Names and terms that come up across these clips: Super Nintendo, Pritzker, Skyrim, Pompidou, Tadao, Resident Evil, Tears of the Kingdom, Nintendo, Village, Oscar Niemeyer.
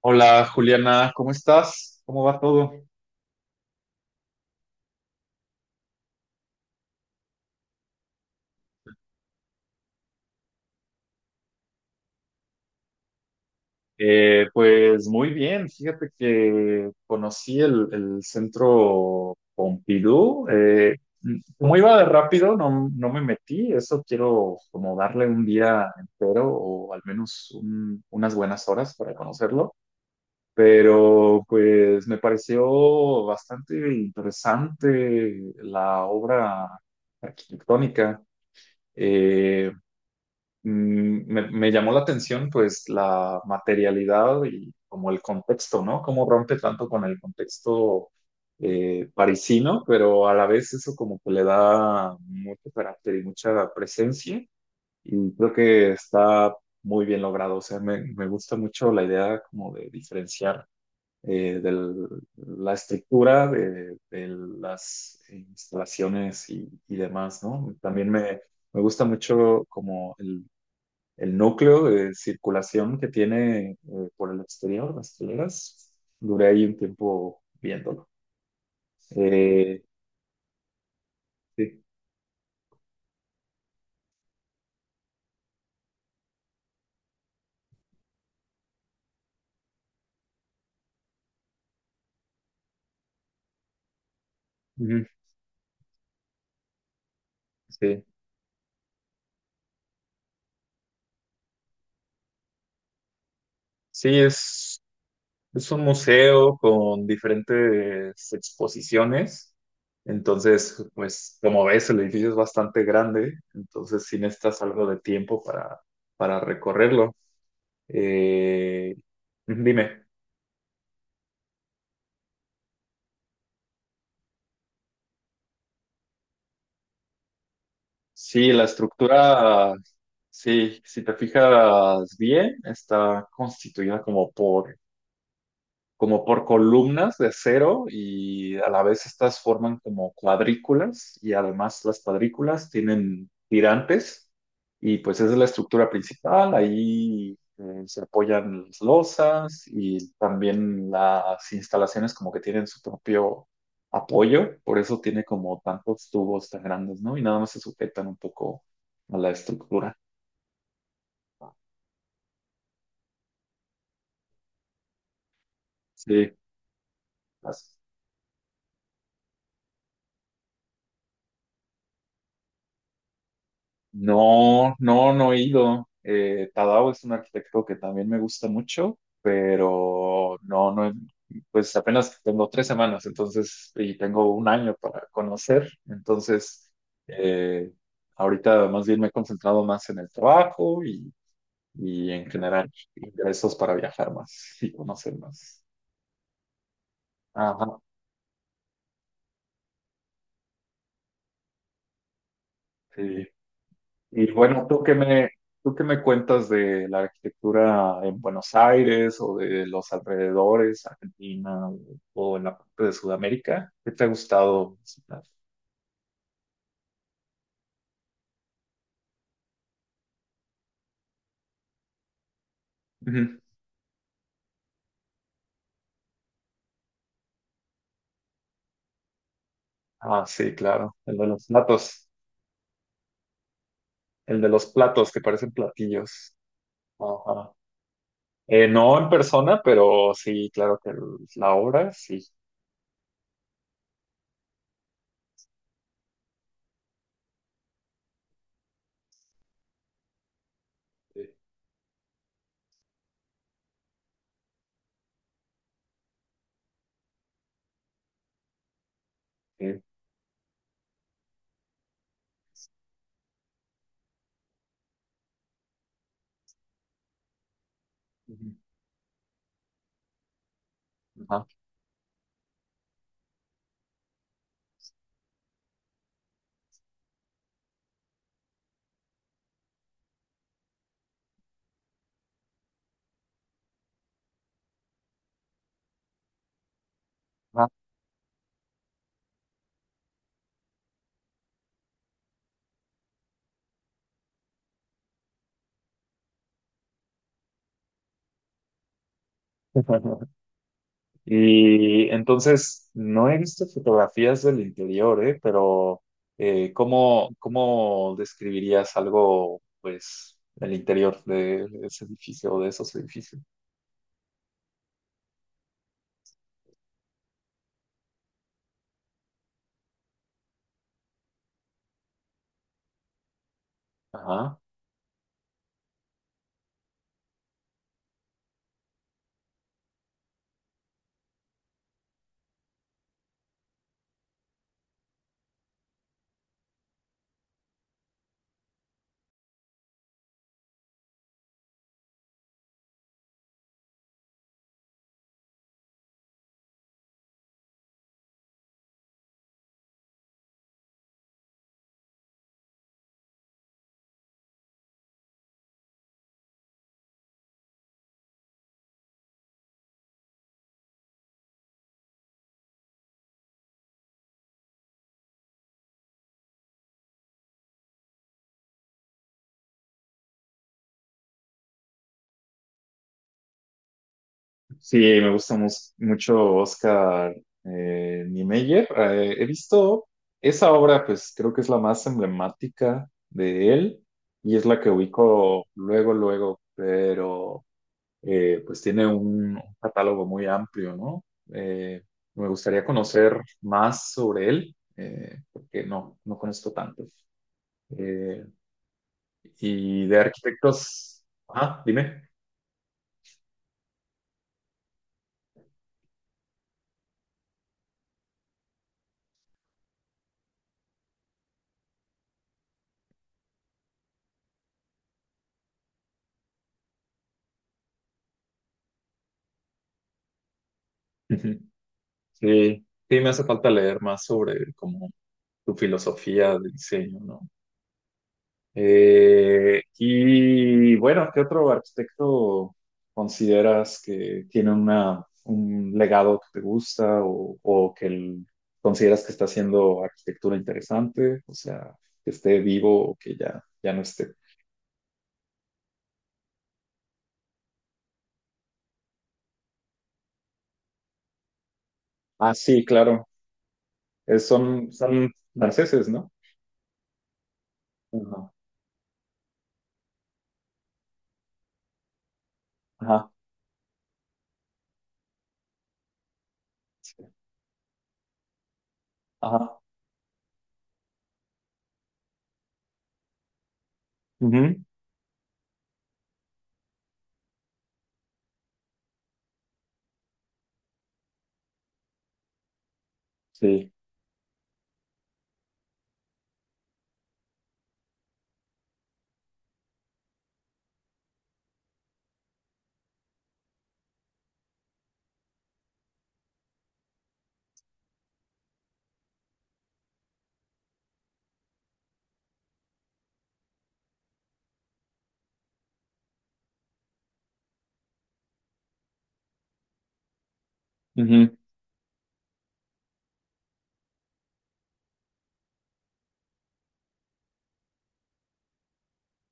Hola Juliana, ¿cómo estás? ¿Cómo va todo? Pues muy bien, fíjate que conocí el centro Pompidou. Como iba de rápido, no, no me metí. Eso quiero como darle un día entero o al menos unas buenas horas para conocerlo. Pero pues me pareció bastante interesante la obra arquitectónica. Eh, Me llamó la atención pues la materialidad y como el contexto, ¿no? Cómo rompe tanto con el contexto parisino, pero a la vez eso como que le da mucho carácter y mucha presencia, y creo que está muy bien logrado. O sea, me gusta mucho la idea como de diferenciar de la estructura de las instalaciones y demás, ¿no? Me gusta mucho como el núcleo de circulación que tiene por el exterior, las hileras. Duré ahí un tiempo viéndolo. Eh, sí, ujú, sí, sí, es, es un museo con diferentes exposiciones. Entonces, pues como ves, el edificio es bastante grande, entonces sí necesitas algo de tiempo para recorrerlo. Eh, Dime. Sí, sí, si te fijas bien, está constituida como por columnas de acero, y a la vez estas forman como cuadrículas, y además las cuadrículas tienen tirantes, y pues esa es la estructura principal. Ahí se apoyan las losas y también las instalaciones como que tienen su propio apoyo, por eso tiene como tantos tubos tan grandes, ¿no? Y nada más se sujetan un poco a la estructura. Sí, gracias. No, no, no he ido. Tadao es un arquitecto que también me gusta mucho, pero no, pues apenas tengo 3 semanas, entonces, y tengo 1 año para conocer, entonces, eh, ahorita más bien me he concentrado más en el trabajo y en general ingresos para viajar más y conocer más. Ajá, sí. Y bueno, ¿tú qué me cuentas de la arquitectura en Buenos Aires o de los alrededores, Argentina o en la parte de Sudamérica? ¿Qué te ha gustado visitar? Ujú. Ah, sí, claro, el de los platos que parecen platillos. Ajá. No en persona, pero sí, claro que la obra, sí. Sí. Sí. Ujú. Ajá. Ajá. Y entonces, no he visto fotografías del interior, ¿eh? Pero ¿cómo describirías algo, pues, del interior de ese edificio o de esos edificios? Ajá. Sí, me gusta mucho Oscar Niemeyer. He visto esa obra, pues creo que es la más emblemática de él, y es la que ubico luego, luego, pero pues tiene un catálogo muy amplio, ¿no? Eh, Me gustaría conocer más sobre él, porque no, no conozco tanto. Eh, y de arquitectos, ah, dime. Ujú. Sí, sí, me hace falta leer más sobre como su filosofía de diseño, ¿no? Y bueno, ¿qué otro arquitecto consideras que tiene un legado que te gusta, o que consideras que está haciendo arquitectura interesante? O sea, que esté vivo o que ya, ya no esté. Ah, sí, claro. Son, son franceses, ¿no? Ajá. Ajá. Sí. Ajá. Ujú. Sí.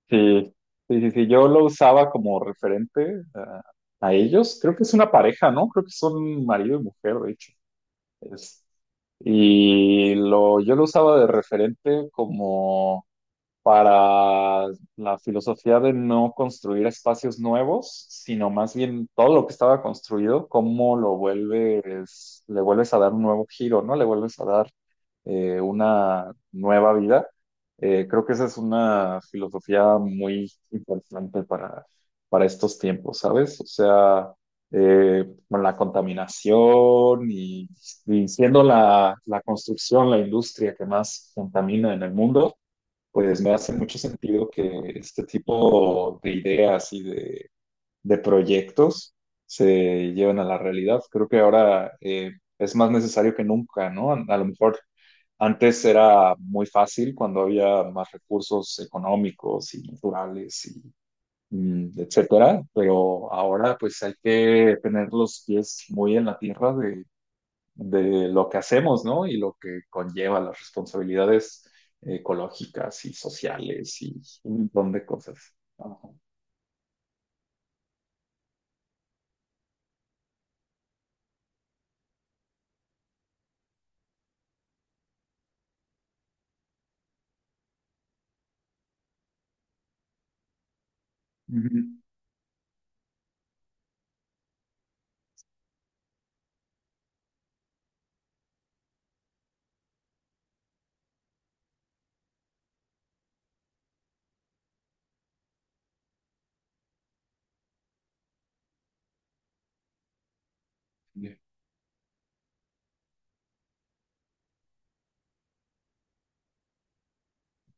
Sí, sí, yo lo usaba como referente a ellos. Creo que es una pareja, ¿no? Creo que son marido y mujer, de hecho. Es- y yo lo usaba de referente como para la filosofía de no construir espacios nuevos, sino más bien todo lo que estaba construido, cómo lo vuelves, le vuelves a dar un nuevo giro, ¿no? Le vuelves a dar una nueva vida. Creo que esa es una filosofía muy importante para estos tiempos, ¿sabes? O sea, con la contaminación y siendo la construcción, la industria que más contamina en el mundo, pues me hace mucho sentido que este tipo de ideas de proyectos se lleven a la realidad. Creo que ahora es más necesario que nunca, ¿no? A lo mejor antes era muy fácil cuando había más recursos económicos y naturales y etcétera, pero ahora pues hay que tener los pies muy en la tierra de lo que hacemos, ¿no? Y lo que conlleva las responsabilidades ecológicas y sociales y un montón de cosas. Ajá. Ujú.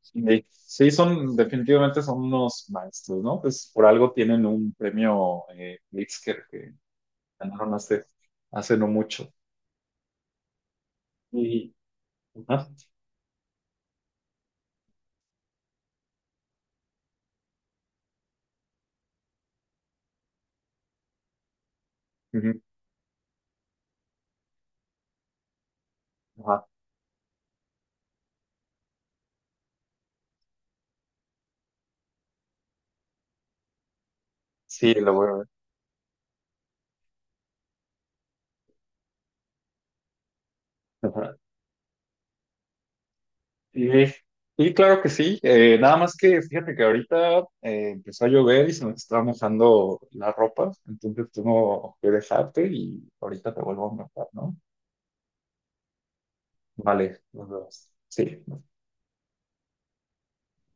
Sí. Sí, sí, son, definitivamente son unos maestros, ¿no? Pues por algo tienen un premio Pritzker que ganaron hace no mucho. Y, ajá. Ujú. Ajá. Sí, lo voy a ver. Sí, sí, claro que sí. Nada más que fíjate que ahorita empezó a llover y se me estaba mojando la ropa, entonces tengo que dejarte y ahorita te vuelvo a marcar, ¿no? Vale, nos vemos. Sí.